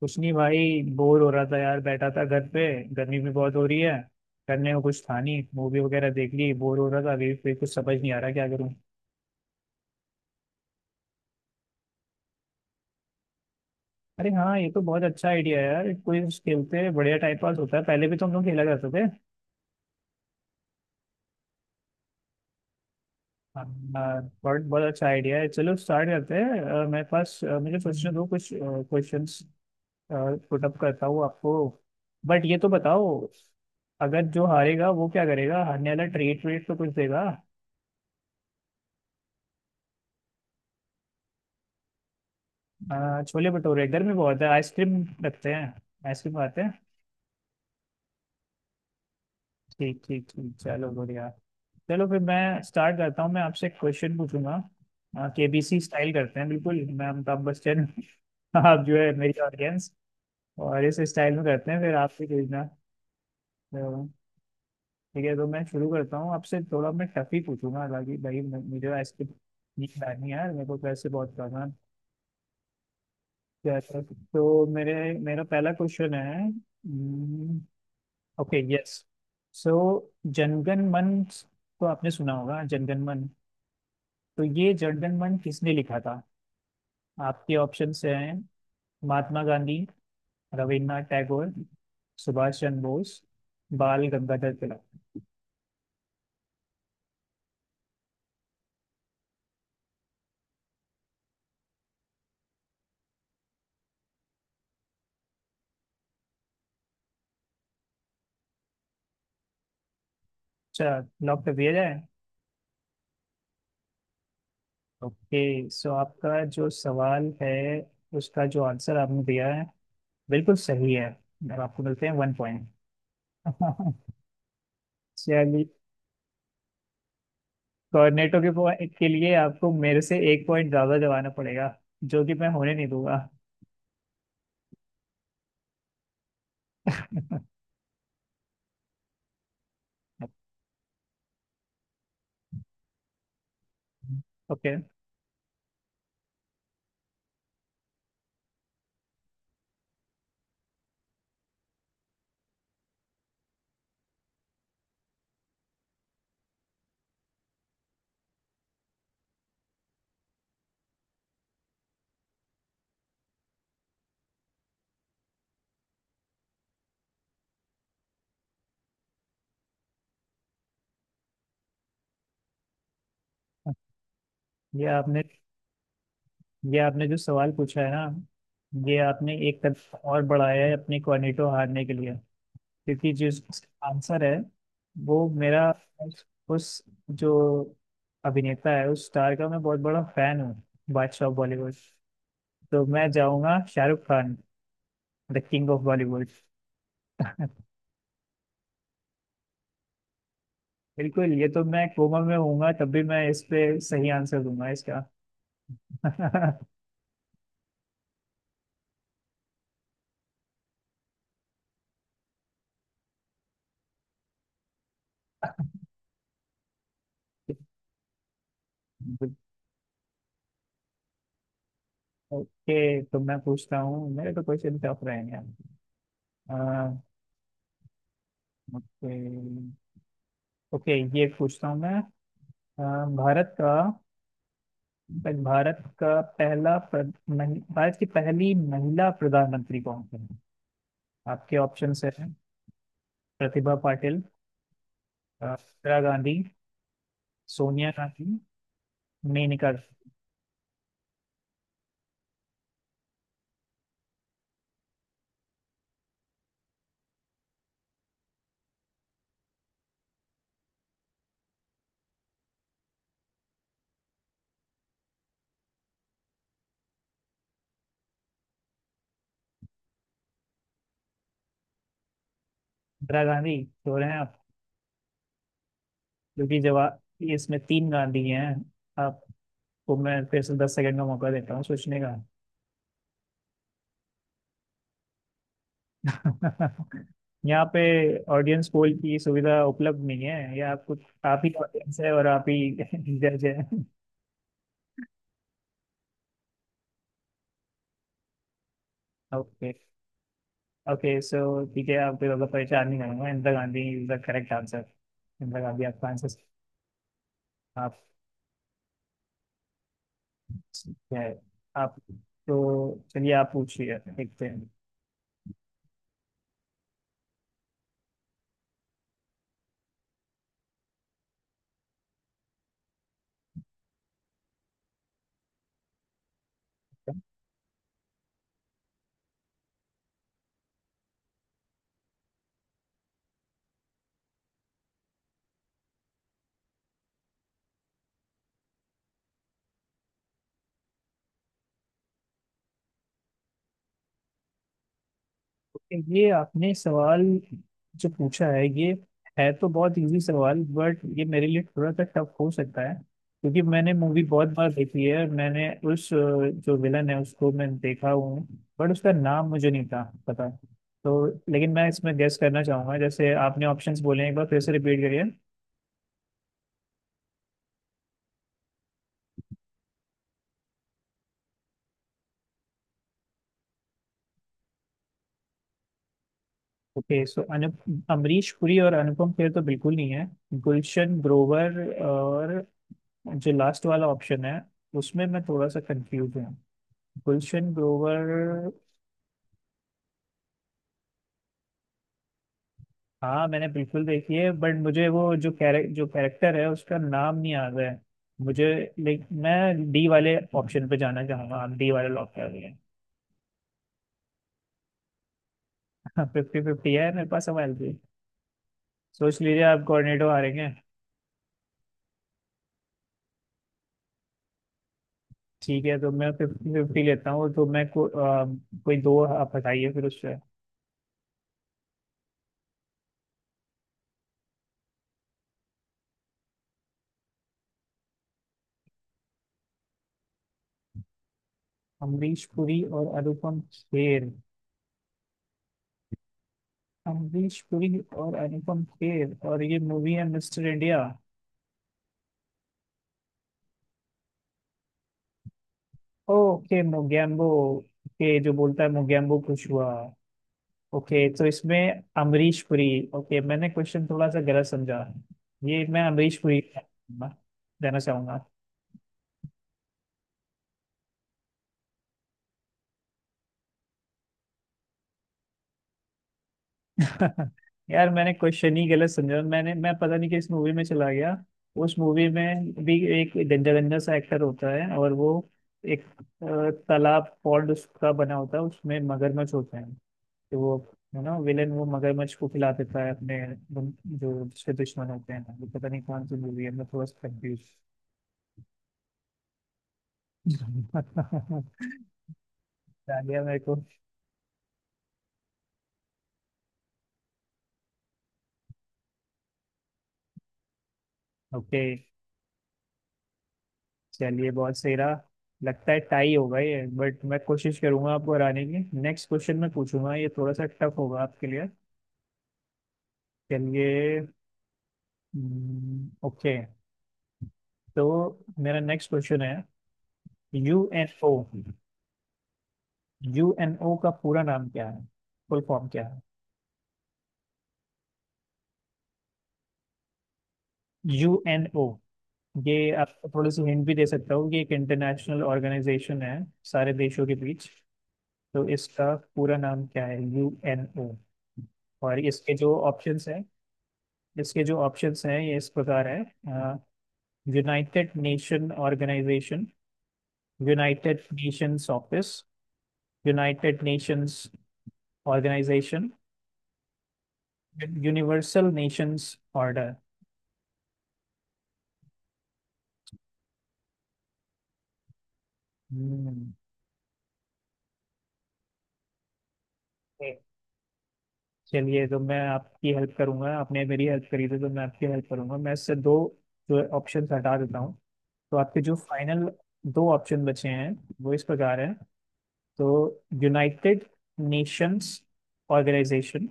कुछ नहीं भाई, बोर हो रहा था यार, बैठा था घर पे। गर्मी भी बहुत हो रही है। करने को कुछ था नहीं, मूवी वगैरह देख ली, बोर हो रहा था। अभी फिर कुछ समझ नहीं आ रहा क्या करूं। अरे हाँ, ये तो बहुत अच्छा आइडिया है यार, क्विज खेलते हैं, बढ़िया टाइम पास होता है, पहले भी तो हम लोग खेला करते थे। हाँ, बहुत बहुत अच्छा आइडिया है, चलो स्टार्ट करते हैं। मेरे पास मुझे सोचने दो कुछ क्वेश्चंस पुट अप करता हूँ आपको। बट ये तो बताओ, अगर जो हारेगा वो क्या करेगा, हारने वाला ट्रीट ट्रीट तो कुछ देगा। हाँ छोले भटूरे इधर भी बहुत है, आइसक्रीम रखते हैं, आइसक्रीम खाते हैं। ठीक ठीक ठीक, चलो बढ़िया। चलो फिर मैं स्टार्ट करता हूँ, मैं आपसे एक क्वेश्चन पूछूंगा। केबीसी स्टाइल करते हैं, बिल्कुल मैं अमिताभ बच्चन। आप जो है मेरी ऑडियंस, और इस स्टाइल में करते हैं फिर आप भी पूछना। तो ठीक है, तो मैं शुरू करता हूँ आपसे, थोड़ा मैं टफ ही पूछूंगा। हालांखि भाई मुझे आइसक्रीम नहीं खिलानी है यार, मेरे को पैसे बहुत करना है। तो मेरे मेरा पहला क्वेश्चन है। Okay yes, so Jana Gana Mana, तो आपने सुना होगा जनगण मन, तो ये जनगण मन किसने लिखा था? आपके ऑप्शन हैं महात्मा गांधी, रविन्द्रनाथ टैगोर, सुभाष चंद्र बोस, बाल गंगाधर तिलक। अच्छा, लॉक कर दिया जाए। ओके, सो आपका जो सवाल है उसका जो आंसर आपने दिया है बिल्कुल सही है, और आपको मिलते हैं वन पॉइंट। चलिए, कोऑर्डिनेटों के point के लिए आपको मेरे से एक पॉइंट ज्यादा जमाना पड़ेगा, जो कि मैं होने नहीं दूंगा। ओके। ये आपने ये आपने जो सवाल पूछा है ना, ये आपने एक कदम और बढ़ाया है अपने कोऑर्डिनेटो हारने के लिए, क्योंकि जो आंसर है वो मेरा, उस उस जो अभिनेता है उस स्टार का मैं बहुत बड़ा फैन हूँ, बादशाह बॉलीवुड। तो मैं जाऊंगा Shahrukh Khan, the king of Bollywood. बिल्कुल, ये तो मैं कोमा में होऊंगा तब भी मैं इस पे सही आंसर दूंगा इसका। ओके, तो मैं पूछता हूँ, मेरे तो क्वेश्चन टफ रहेंगे। अह, ओके ओके ये पूछता हूँ मैं। अ, भारत का भारत का पहला प्र- महि- भारत की पहली महिला प्रधानमंत्री कौन थी? आपके ऑप्शंस हैं प्रतिभा पाटिल, इंदिरा गांधी, सोनिया गांधी, मेनका गांधी। इंदिरा गांधी तो रहे हैं, क्योंकि जवाब ये, इसमें तीन गांधी हैं आपको। मैं फिर से 10 सेकंड का मौका देता हूँ सोचने का। यहाँ पे ऑडियंस पोल की सुविधा उपलब्ध नहीं है, ये आप कुछ, आप ही ऑडियंस है और आप ही जज है। ओके, सो ठीक है, आपको ज़्यादा परेशान नहीं करूंगा, Indira Gandhi is the correct answer. Indira Gandhi आपका आंसर। आप ठीक है, आप तो चलिए, आप पूछिए, देखते हैं। ये आपने सवाल जो पूछा है, ये है तो बहुत इजी सवाल, बट ये मेरे लिए थोड़ा सा टफ हो सकता है। क्योंकि मैंने मूवी बहुत बार देखी है और मैंने उस जो विलन है उसको मैं देखा हूँ, बट उसका नाम मुझे नहीं था पता। तो लेकिन मैं इसमें गेस करना चाहूंगा, जैसे आपने ऑप्शंस बोले हैं, एक बार फिर से रिपीट करिए। ओके, सो अनु अमरीश पुरी और अनुपम खेर तो बिल्कुल नहीं है। गुलशन ग्रोवर और जो लास्ट वाला ऑप्शन है उसमें मैं थोड़ा सा कंफ्यूज हूँ, गुलशन ग्रोवर। हाँ मैंने बिल्कुल देखी है, बट मुझे वो जो जो कैरेक्टर है उसका नाम नहीं याद है मुझे। लाइक, मैं डी वाले ऑप्शन पे जाना चाहूंगा, आप डी वाले लॉक कर रही हैं। फिफ्टी फिफ्टी है मेरे पास सवाल भी, सोच लीजिए आप कोऑर्डिनेटर हारेंगे। ठीक है तो मैं फिफ्टी फिफ्टी लेता हूँ, तो मैं कोई दो आप हटाइए फिर उससे। अमरीश पुरी और अनुपम खेर, और ये मूवी है mister India. Okay Mogambo, okay जो बोलता है मोगैम्बो खुश हुआ। ओके तो इसमें अमरीश पुरी। ओके मैंने क्वेश्चन थोड़ा सा गलत समझा, ये मैं अमरीश पुरी का देना चाहूंगा। यार मैंने क्वेश्चन ही गलत समझा, मैं पता नहीं कि इस मूवी में चला गया, उस मूवी में भी एक गंजा गंजा सा एक्टर होता है, और वो एक तालाब पॉन्ड उसका बना होता है, उसमें मगरमच्छ होते हैं, कि वो, है ना विलेन, वो मगरमच्छ को खिला देता है अपने जो उसके दुश्मन होते हैं। ये पता नहीं कौन सी मूवी है, मैं थोड़ा सा कंफ्यूज। डालिया मेरे को। ओके, चलिए बहुत सही रहा। लगता है टाई होगा ये, बट मैं कोशिश करूंगा आपको हराने की, नेक्स्ट क्वेश्चन मैं पूछूंगा, ये थोड़ा सा टफ होगा आपके लिए। चलिए, ओके, तो मेरा नेक्स्ट क्वेश्चन है यूएनओ। यू एन ओ का पूरा नाम क्या है? फुल फॉर्म क्या है? यू एन ओ, ये आप थोड़ी सी हिंट भी दे सकता हूँ कि एक इंटरनेशनल ऑर्गेनाइजेशन है, सारे देशों के बीच। तो इसका पूरा नाम क्या है यू एन ओ? और इसके जो ऑप्शंस हैं, ये इस प्रकार है। United Nation Organisation, United Nations office, United Nations Organisation, universal nations order. चलिए, तो मैं आपकी हेल्प करूंगा, आपने मेरी हेल्प करी थी तो मैं आपकी हेल्प करूंगा। मैं इससे दो जो ऑप्शन हटा देता हूँ, तो आपके जो फाइनल दो ऑप्शन बचे हैं वो इस प्रकार हैं, तो यूनाइटेड नेशंस ऑर्गेनाइजेशन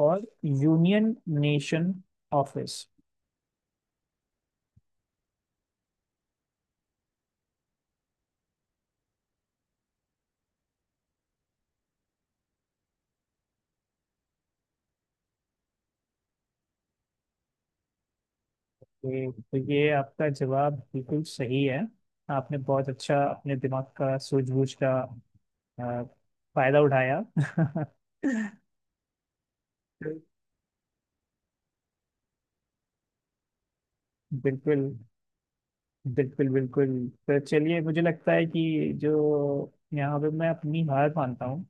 और यूनियन नेशन ऑफिस। तो ये आपका जवाब बिल्कुल सही है, आपने बहुत अच्छा अपने दिमाग का सूझबूझ का अ, फायदा उठाया। बिल्कुल बिल्कुल बिल्कुल, तो चलिए मुझे लगता है कि जो यहाँ पे मैं अपनी हार मानता हूँ,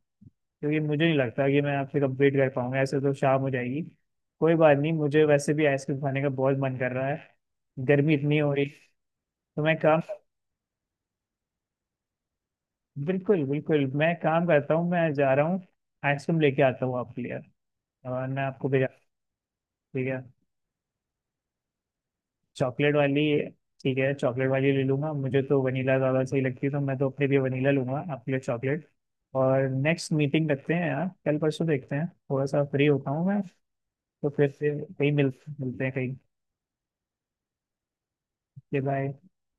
क्योंकि मुझे नहीं लगता कि मैं आपसे कंप्लीट कर पाऊंगा, ऐसे तो शाम हो जाएगी। कोई बात नहीं, मुझे वैसे भी आइसक्रीम खाने का बहुत मन कर रहा है, गर्मी इतनी हो रही। तो मैं काम, बिल्कुल बिल्कुल मैं काम करता हूँ, मैं जा रहा हूँ, आइसक्रीम लेके आता हूँ आपके लिए और मैं आपको भेजा। ठीक है चॉकलेट वाली, ठीक है चॉकलेट वाली ले लूंगा, मुझे तो वनीला ज़्यादा सही लगती है तो मैं तो अपने लिए वनीला लूंगा आपके लिए चॉकलेट। और नेक्स्ट मीटिंग रखते हैं यार कल परसों, देखते हैं थोड़ा सा फ्री होता हूँ मैं। तो फिर से कहीं मिलते हैं कहीं। बाय।